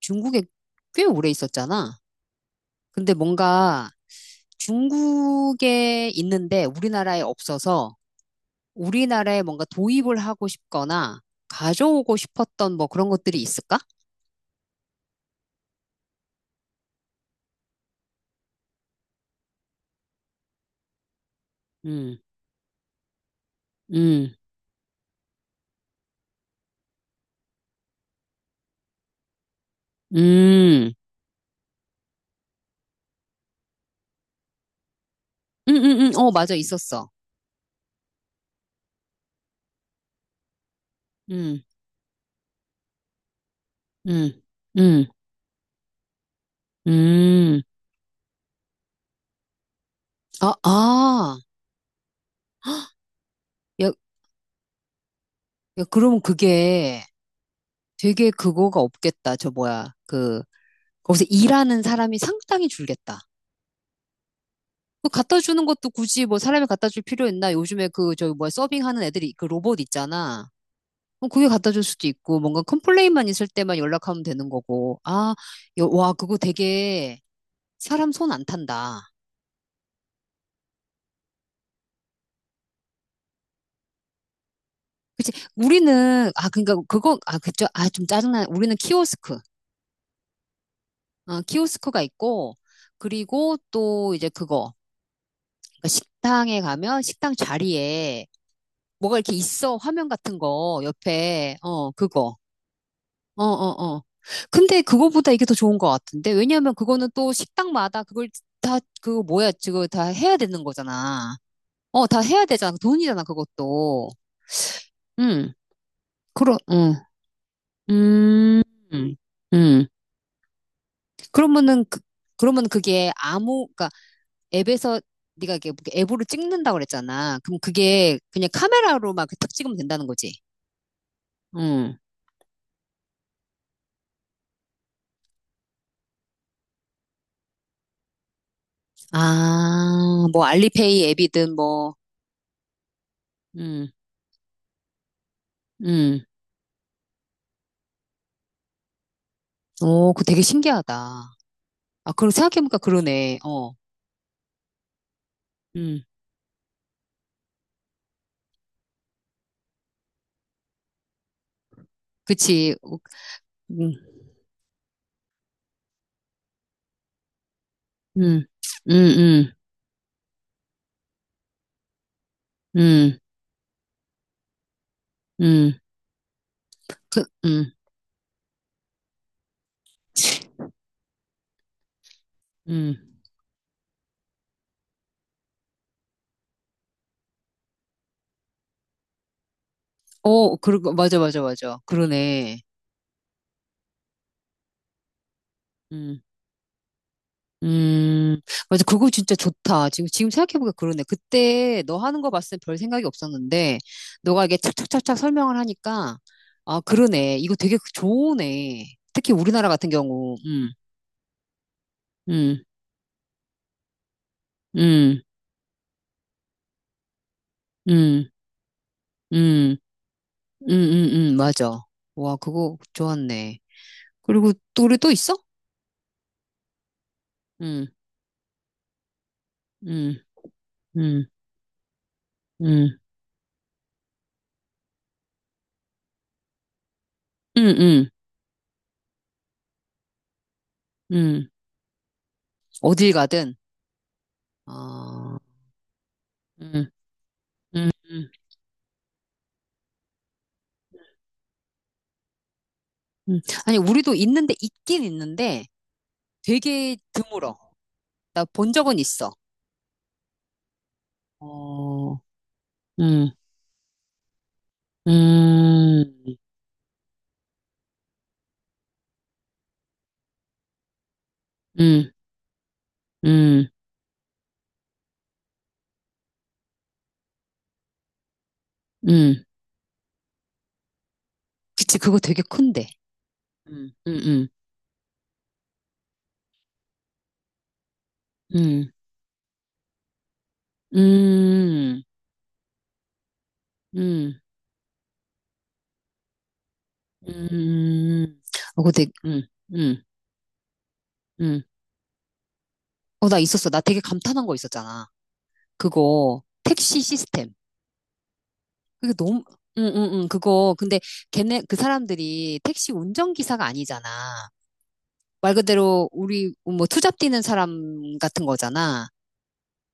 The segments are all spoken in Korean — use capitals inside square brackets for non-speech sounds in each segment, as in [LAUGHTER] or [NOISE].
중국에 꽤 오래 있었잖아. 근데 뭔가 중국에 있는데 우리나라에 없어서 우리나라에 뭔가 도입을 하고 싶거나 가져오고 싶었던 뭐 그런 것들이 있을까? 음, 음, 음, 어, 맞아, 있었어. 음, 음, 음, 음. 아, 아, 야, 야, 그럼 그게 되게 그거가 없겠다. 저 뭐야, 그, 거기서 일하는 사람이 상당히 줄겠다. 그 갖다 주는 것도 굳이 뭐 사람이 갖다 줄 필요 있나? 요즘에 그 저기 뭐야 서빙하는 애들이 그 로봇 있잖아. 어, 그게 갖다 줄 수도 있고 뭔가 컴플레인만 있을 때만 연락하면 되는 거고. 아, 와 그거 되게 사람 손 안 탄다. 그치? 우리는 아 그러니까 그거 아 그죠? 아 좀 짜증나. 우리는 키오스크. 어, 키오스크가 있고 그리고 또 이제 그거 그러니까 식당에 가면 식당 자리에 뭐가 이렇게 있어 화면 같은 거 옆에 어 그거 어, 어, 어. 근데 그거보다 이게 더 좋은 것 같은데? 왜냐면 그거는 또 식당마다 그걸 다, 그 뭐야, 지금 다 해야 되는 거잖아. 어, 다 해야 되잖아. 그 돈이잖아, 그것도. 응, 그러, 응, 음, 음. 그러면은, 그, 그러면 그게 아무, 그니까 앱에서 네가 이게 뭐 앱으로 찍는다고 그랬잖아. 그럼 그게 그냥 카메라로 막 딱 찍으면 된다는 거지. 응. 아, 뭐 알리페이 앱이든 뭐, 음, 음. 오, 그거 되게 신기하다. 아, 그럼 생각해보니까 그러네. 어. 음, 그치. 어, 음, 음, 음, 음, 음, 음. 그, 음, 어, 그러고, 맞아, 맞아, 맞아. 그러네. 음, 음, 맞아. 그거 진짜 좋다. 지금 생각해보니까 그러네. 그때 너 하는 거 봤을 때 별 생각이 없었는데, 너가 이게 착착착착 설명을 하니까, 아, 그러네. 이거 되게 좋으네. 특히 우리나라 같은 경우, 음, 음, 음, 음. 응응응 맞아. 와 그거 좋았네. 그리고 또래또 있어? 응, 응, 응, 응, 응, 응, 응. 어딜 가든. 아, 응, 응, 응, 응. 아니 우리도 있는데 있긴 있는데 되게 드물어. 나 본 적은 있어. 어, 응, 음, 응, 응, 응. 그치 그거 되게 큰데. 응, 응, 응, 응, 응, 응. 음, 어, 근데, 음, 음. 어, 나 있었어. 나 되게 감탄한 거 있었잖아. 그거, 택시 시스템. 그게 너무, 응, 응, 응, 그거. 근데 걔네, 그 사람들이 택시 운전기사가 아니잖아. 말 그대로 우리, 뭐, 투잡 뛰는 사람 같은 거잖아.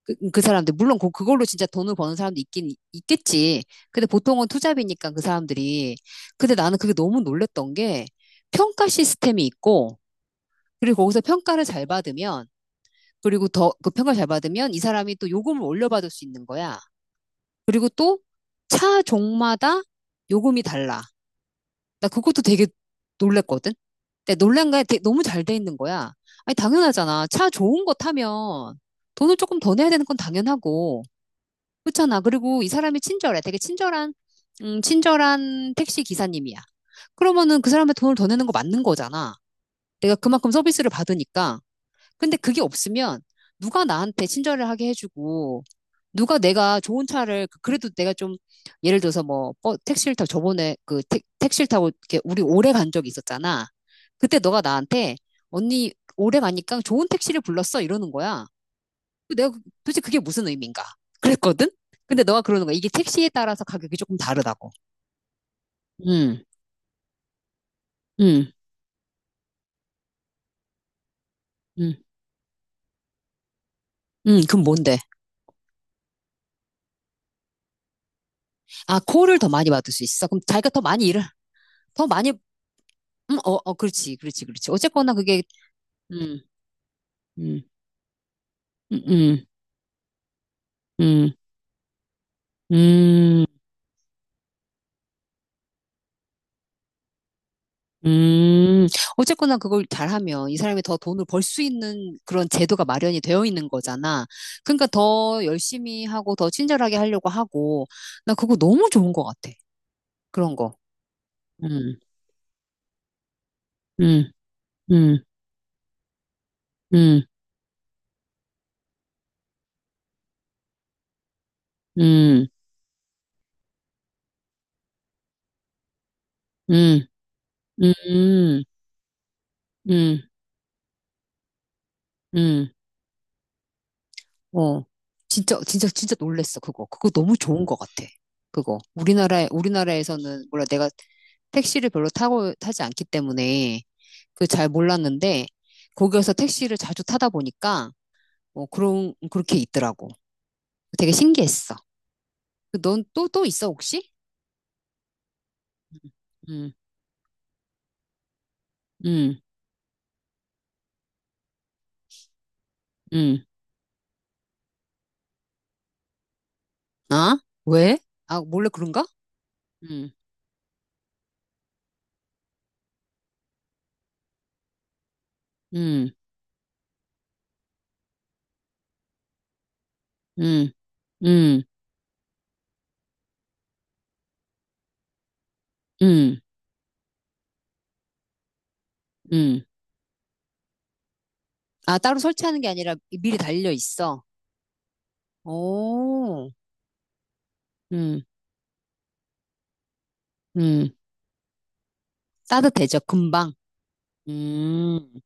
그 사람들. 물론 그걸로 진짜 돈을 버는 사람도 있긴, 있겠지. 근데 보통은 투잡이니까 그 사람들이. 근데 나는 그게 너무 놀랬던 게 평가 시스템이 있고, 그리고 거기서 평가를 잘 받으면 그리고 더 그 평가를 잘 받으면 이 사람이 또 요금을 올려받을 수 있는 거야. 그리고 또 차 종마다 요금이 달라. 나 그것도 되게 놀랬거든. 근데 놀란 거야. 되게 너무 잘 돼 있는 거야. 아니 당연하잖아. 차 좋은 거 타면 돈을 조금 더 내야 되는 건 당연하고 그렇잖아. 그리고 이 사람이 친절해. 되게 친절한 친절한 택시 기사님이야. 그러면은 그 사람의 돈을 더 내는 거 맞는 거잖아. 내가 그만큼 서비스를 받으니까. 근데 그게 없으면 누가 나한테 친절을 하게 해주고 누가 내가 좋은 차를 그래도 내가 좀 예를 들어서 뭐 택시를 타고 저번에 그 택, 택시를 타고 이렇게 우리 오래 간 적이 있었잖아. 그때 너가 나한테 언니 오래 가니까 좋은 택시를 불렀어 이러는 거야. 그 내가 도대체 그게 무슨 의미인가? 그랬거든? 근데 너가 그러는 거야. 이게 택시에 따라서 가격이 조금 다르다고. 음, 음, 음, 그럼 뭔데? 아, 콜을 더 많이 받을 수 있어. 그럼 자기가 더 많이 일을 더 많이 어, 어, 그렇지, 그렇지, 그렇지. 어쨌거나 그게 음, 음, 음, 음, 음. 음. 음, 어쨌거나 그걸 잘하면 이 사람이 더 돈을 벌 수 있는 그런 제도가 마련이 되어 있는 거잖아. 그러니까 더 열심히 하고 더 친절하게 하려고 하고, 나 그거 너무 좋은 것 같아. 그런 거. 음, 음, 음, 음, 음, 음, 음, 음, 음, 음. 어. 진짜, 진짜, 진짜 놀랬어, 그거. 그거 너무 좋은 것 같아. 그거. 우리나라에서는, 몰라, 내가 택시를 별로 타지 않기 때문에, 그 잘 몰랐는데, 거기에서 택시를 자주 타다 보니까, 어, 그렇게 있더라고. 되게 신기했어. 넌 또, 또 있어, 혹시? 응, 응, 응. 아? 왜? 아, 몰래 그런가? 응, 응, 응, 응, 응, 응. 아, 따로 설치하는 게 아니라 미리 달려 있어. 오. 음, 음. 따뜻해져, 금방. 음,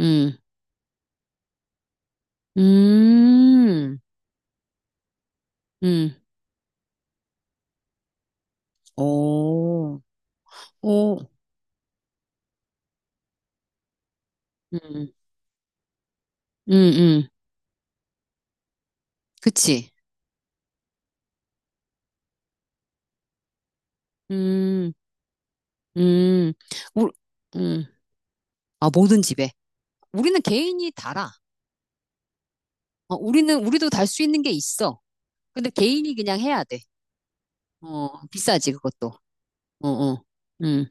음, 음, 음. 오, 오, 음, 음, 음. 그치. 음, 음. 우, 음. 아, 모든 집에. 우리는 개인이 달아. 어, 우리도 달 수 있는 게 있어. 근데 개인이 그냥 해야 돼. 어, 비싸지, 그것도. 어, 어. 음.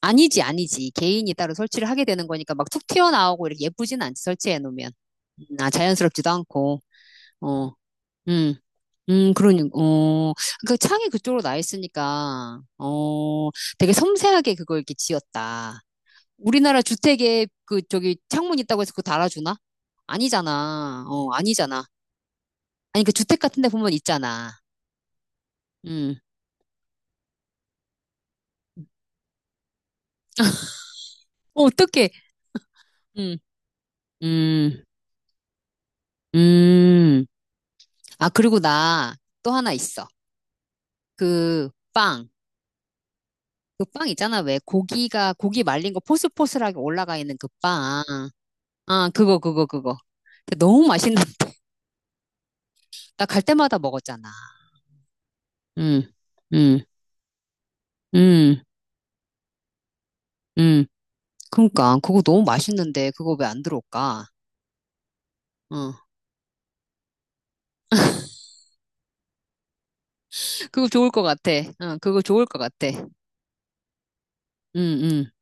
아니지, 아니지. 개인이 따로 설치를 하게 되는 거니까 막 툭 튀어나오고 이렇게 예쁘진 않지, 설치해 놓으면. 아, 자연스럽지도 않고. 어, 음, 그러니, 어, 그 창이 그쪽으로 나 있으니까, 어, 되게 섬세하게 그걸 이렇게 지었다. 우리나라 주택에 그, 저기, 창문 있다고 해서 그거 달아주나? 아니잖아. 어, 아니잖아. 아니, 그 주택 같은 데 보면 있잖아. 음, 어, 어떡해. 음, 음, 음. 아, 그리고 나 또 하나 있어. 그, 빵. 그 빵 있잖아. 왜 고기 말린 거 포슬포슬하게 올라가 있는 그 빵. 아, 그거, 그거, 그거. 근데 너무 맛있는, [LAUGHS] 나 갈 때마다 먹었잖아. 응, 응, 응, 응. 그러니까, 그거 너무 맛있는데, 그거 왜 안 들어올까? 응. 그거 좋을 것 같아. 응, 그거 좋을 것 같아. 응, 응.